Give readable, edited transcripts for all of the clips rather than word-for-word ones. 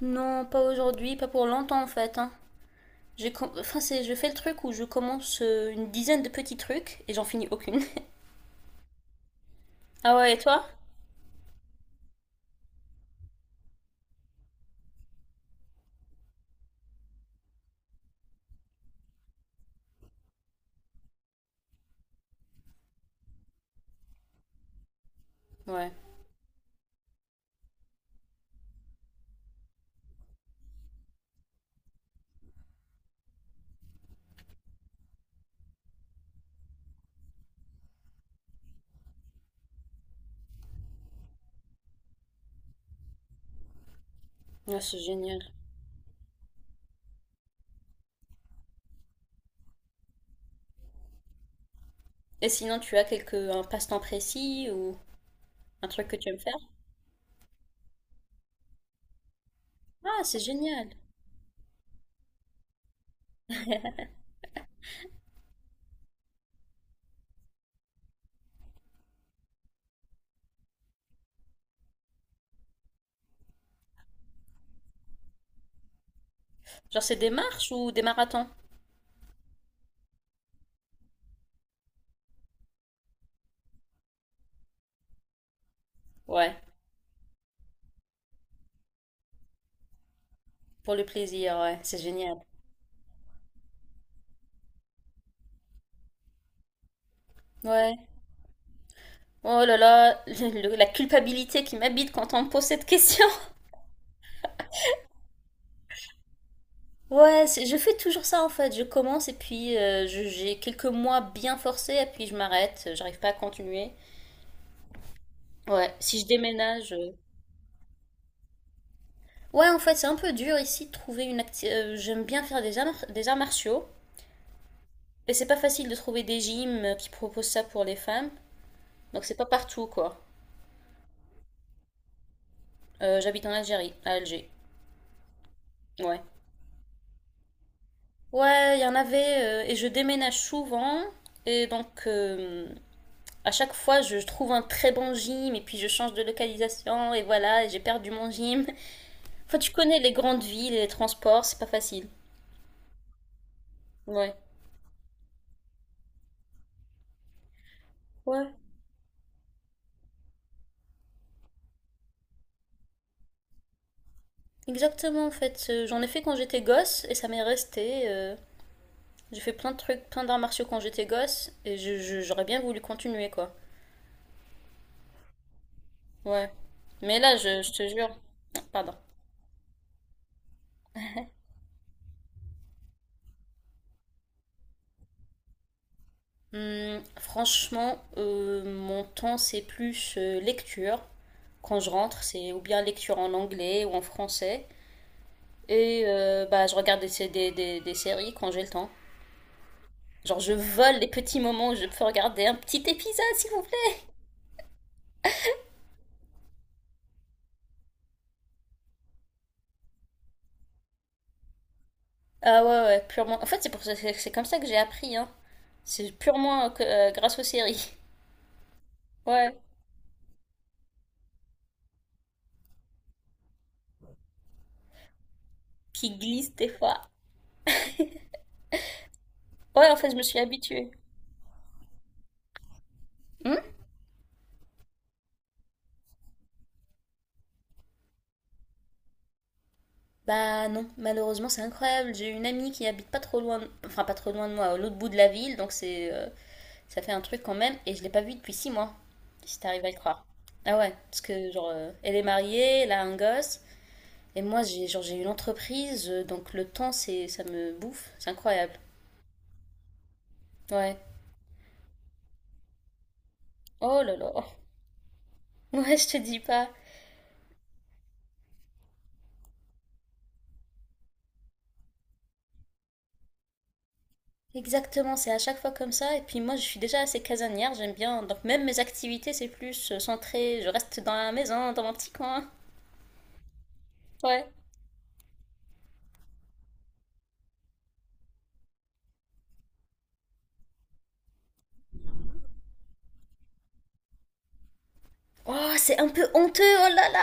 Non, pas aujourd'hui, pas pour longtemps en fait, hein. Je fais le truc où je commence une dizaine de petits trucs et j'en finis aucune. Ah ouais, et toi? Ouais. Ouais, c'est génial. Et sinon, tu as quelque un passe-temps précis ou un truc que tu aimes faire? Ah, c'est génial. Genre, c'est des marches ou des marathons? Ouais, pour le plaisir, ouais, c'est génial. Ouais. Oh là là, la culpabilité qui m'habite quand on me pose cette question. Ouais, je fais toujours ça en fait. Je commence et puis j'ai quelques mois bien forcés et puis je m'arrête. J'arrive pas à continuer. Ouais, si je déménage. Ouais, en fait, c'est un peu dur ici de trouver une j'aime bien faire des arts martiaux. Et c'est pas facile de trouver des gyms qui proposent ça pour les femmes. Donc c'est pas partout quoi. J'habite en Algérie, à Alger. Ouais. Ouais, il y en avait et je déménage souvent. Et donc, à chaque fois, je trouve un très bon gym et puis je change de localisation et voilà, et j'ai perdu mon gym. Enfin, tu connais les grandes villes et les transports, c'est pas facile. Ouais. Ouais. Exactement, en fait. J'en ai fait quand j'étais gosse et ça m'est resté. J'ai fait plein de trucs, plein d'arts martiaux quand j'étais gosse et j'aurais bien voulu continuer, quoi. Ouais. Mais là, je te jure. Pardon. Franchement, mon temps, c'est plus lecture. Quand je rentre, c'est ou bien lecture en anglais ou en français. Et je regarde des séries quand j'ai le temps. Genre, je vole les petits moments où je peux regarder un petit épisode, s'il vous plaît. Ah ouais, ouais, purement. En fait, c'est comme ça que j'ai appris, hein. C'est purement grâce aux séries. Ouais, qui glissent des fois. Ouais, en fait, je me suis habituée. Hmm Bah non, malheureusement, c'est incroyable. J'ai une amie qui habite pas trop loin, enfin pas trop loin de moi, à l'autre bout de la ville, donc c'est, ça fait un truc quand même. Et je l'ai pas vue depuis 6 mois, si t'arrives à le croire. Ah ouais, parce que genre, elle est mariée, elle a un gosse. Et moi, j'ai une entreprise, donc le temps, c'est ça me bouffe. C'est incroyable. Ouais. Oh là là. Ouais, je te dis pas. Exactement, c'est à chaque fois comme ça. Et puis moi, je suis déjà assez casanière, j'aime bien. Donc même mes activités, c'est plus centré. Je reste dans la maison, dans mon petit coin. Ouais. Oh, c'est un peu honteux, oh là là.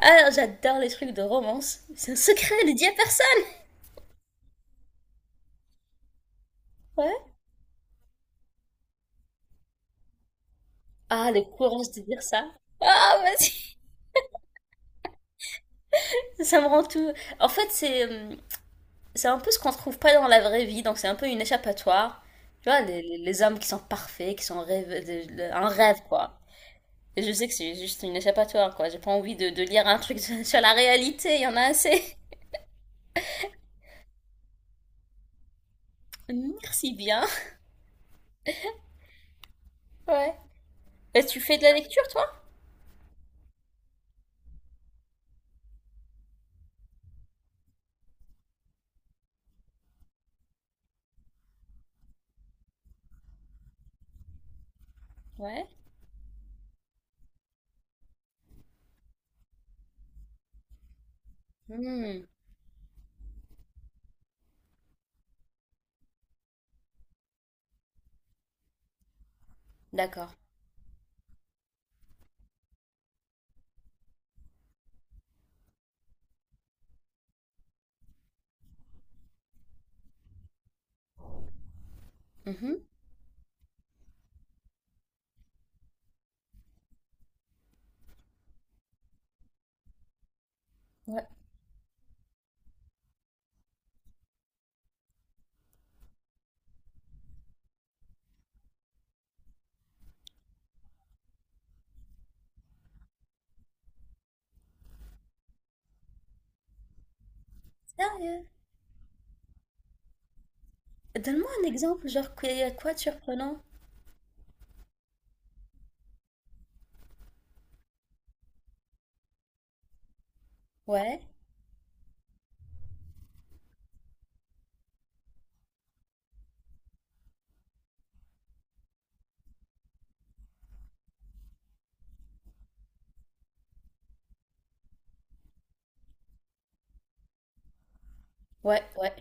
Ah, j'adore les trucs de romance. C'est un secret, ne dis à personne. Ouais. Ah, le courage de dire ça. Ah, vas-y. Ça me rend tout. En fait, c'est un peu ce qu'on ne trouve pas dans la vraie vie, donc c'est un peu une échappatoire. Tu vois, les hommes qui sont parfaits, qui sont rêve, un rêve, quoi. Et je sais que c'est juste une échappatoire, quoi. J'ai pas envie de lire un truc sur la réalité, il y en a assez. Merci bien. Ouais. Et tu fais de la lecture, toi? Ouais. Hmm, d'accord. Mhm. Ouais. Sérieux? Donne-moi un exemple, genre, quoi de surprenant? Ouais. Ouais, ouais.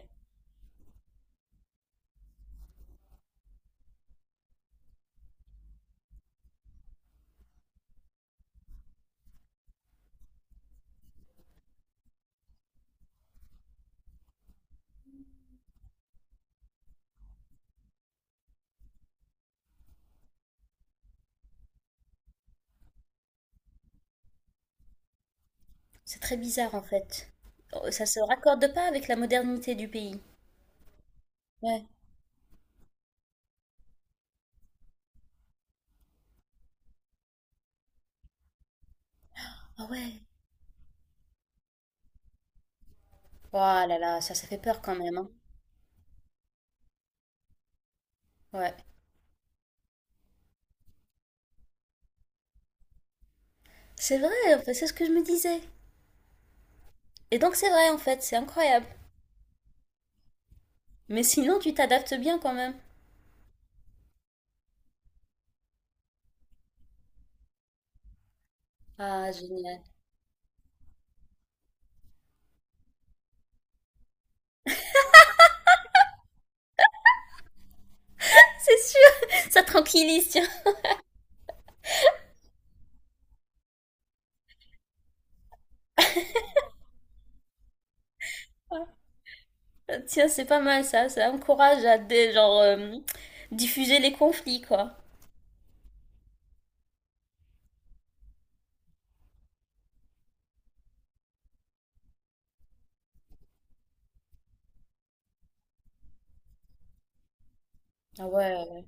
C'est très bizarre, en fait. Oh, ça se raccorde pas avec la modernité du pays. Ouais. Ah ouais. Oh là là, ça fait peur quand même, hein. Ouais. C'est vrai, en fait, c'est ce que je me disais. Et donc c'est vrai, en fait, c'est incroyable. Mais sinon, tu t'adaptes bien quand même. Ah, génial. C'est sûr, ça tranquillise, tiens. Ah, tiens, c'est pas mal ça, ça encourage à des, genre, diffuser les conflits, quoi. Ah ouais, ouais, ouais.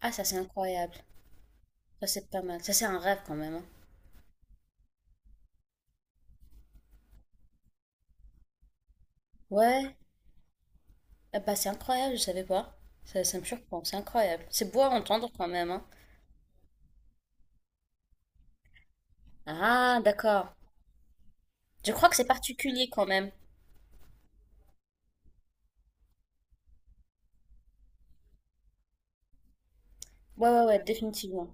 Ah, ça c'est incroyable, ça c'est pas mal, ça c'est un rêve quand même, hein. Ouais. Ah bah c'est incroyable, je savais pas, ça me surprend, c'est incroyable, c'est beau à entendre quand même, hein. Ah d'accord, je crois que c'est particulier quand même. Ouais, ouais, ouais, définitivement.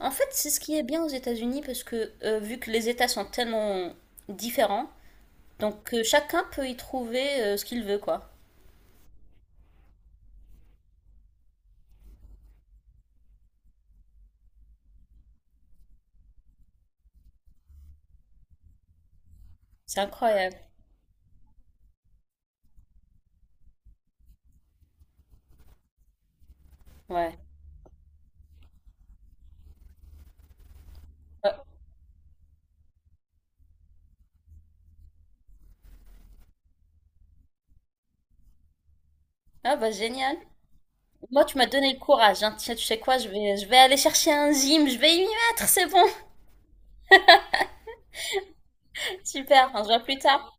En fait, c'est ce qui est bien aux États-Unis parce que vu que les États sont tellement différents, donc chacun peut y trouver ce qu'il veut, quoi. C'est incroyable. Ouais. Ouais. Ah bah génial. Moi, tu m'as donné le courage, hein. Tu sais quoi, je vais aller chercher un gym, je vais y mettre, c'est bon. Super, on se voit plus tard.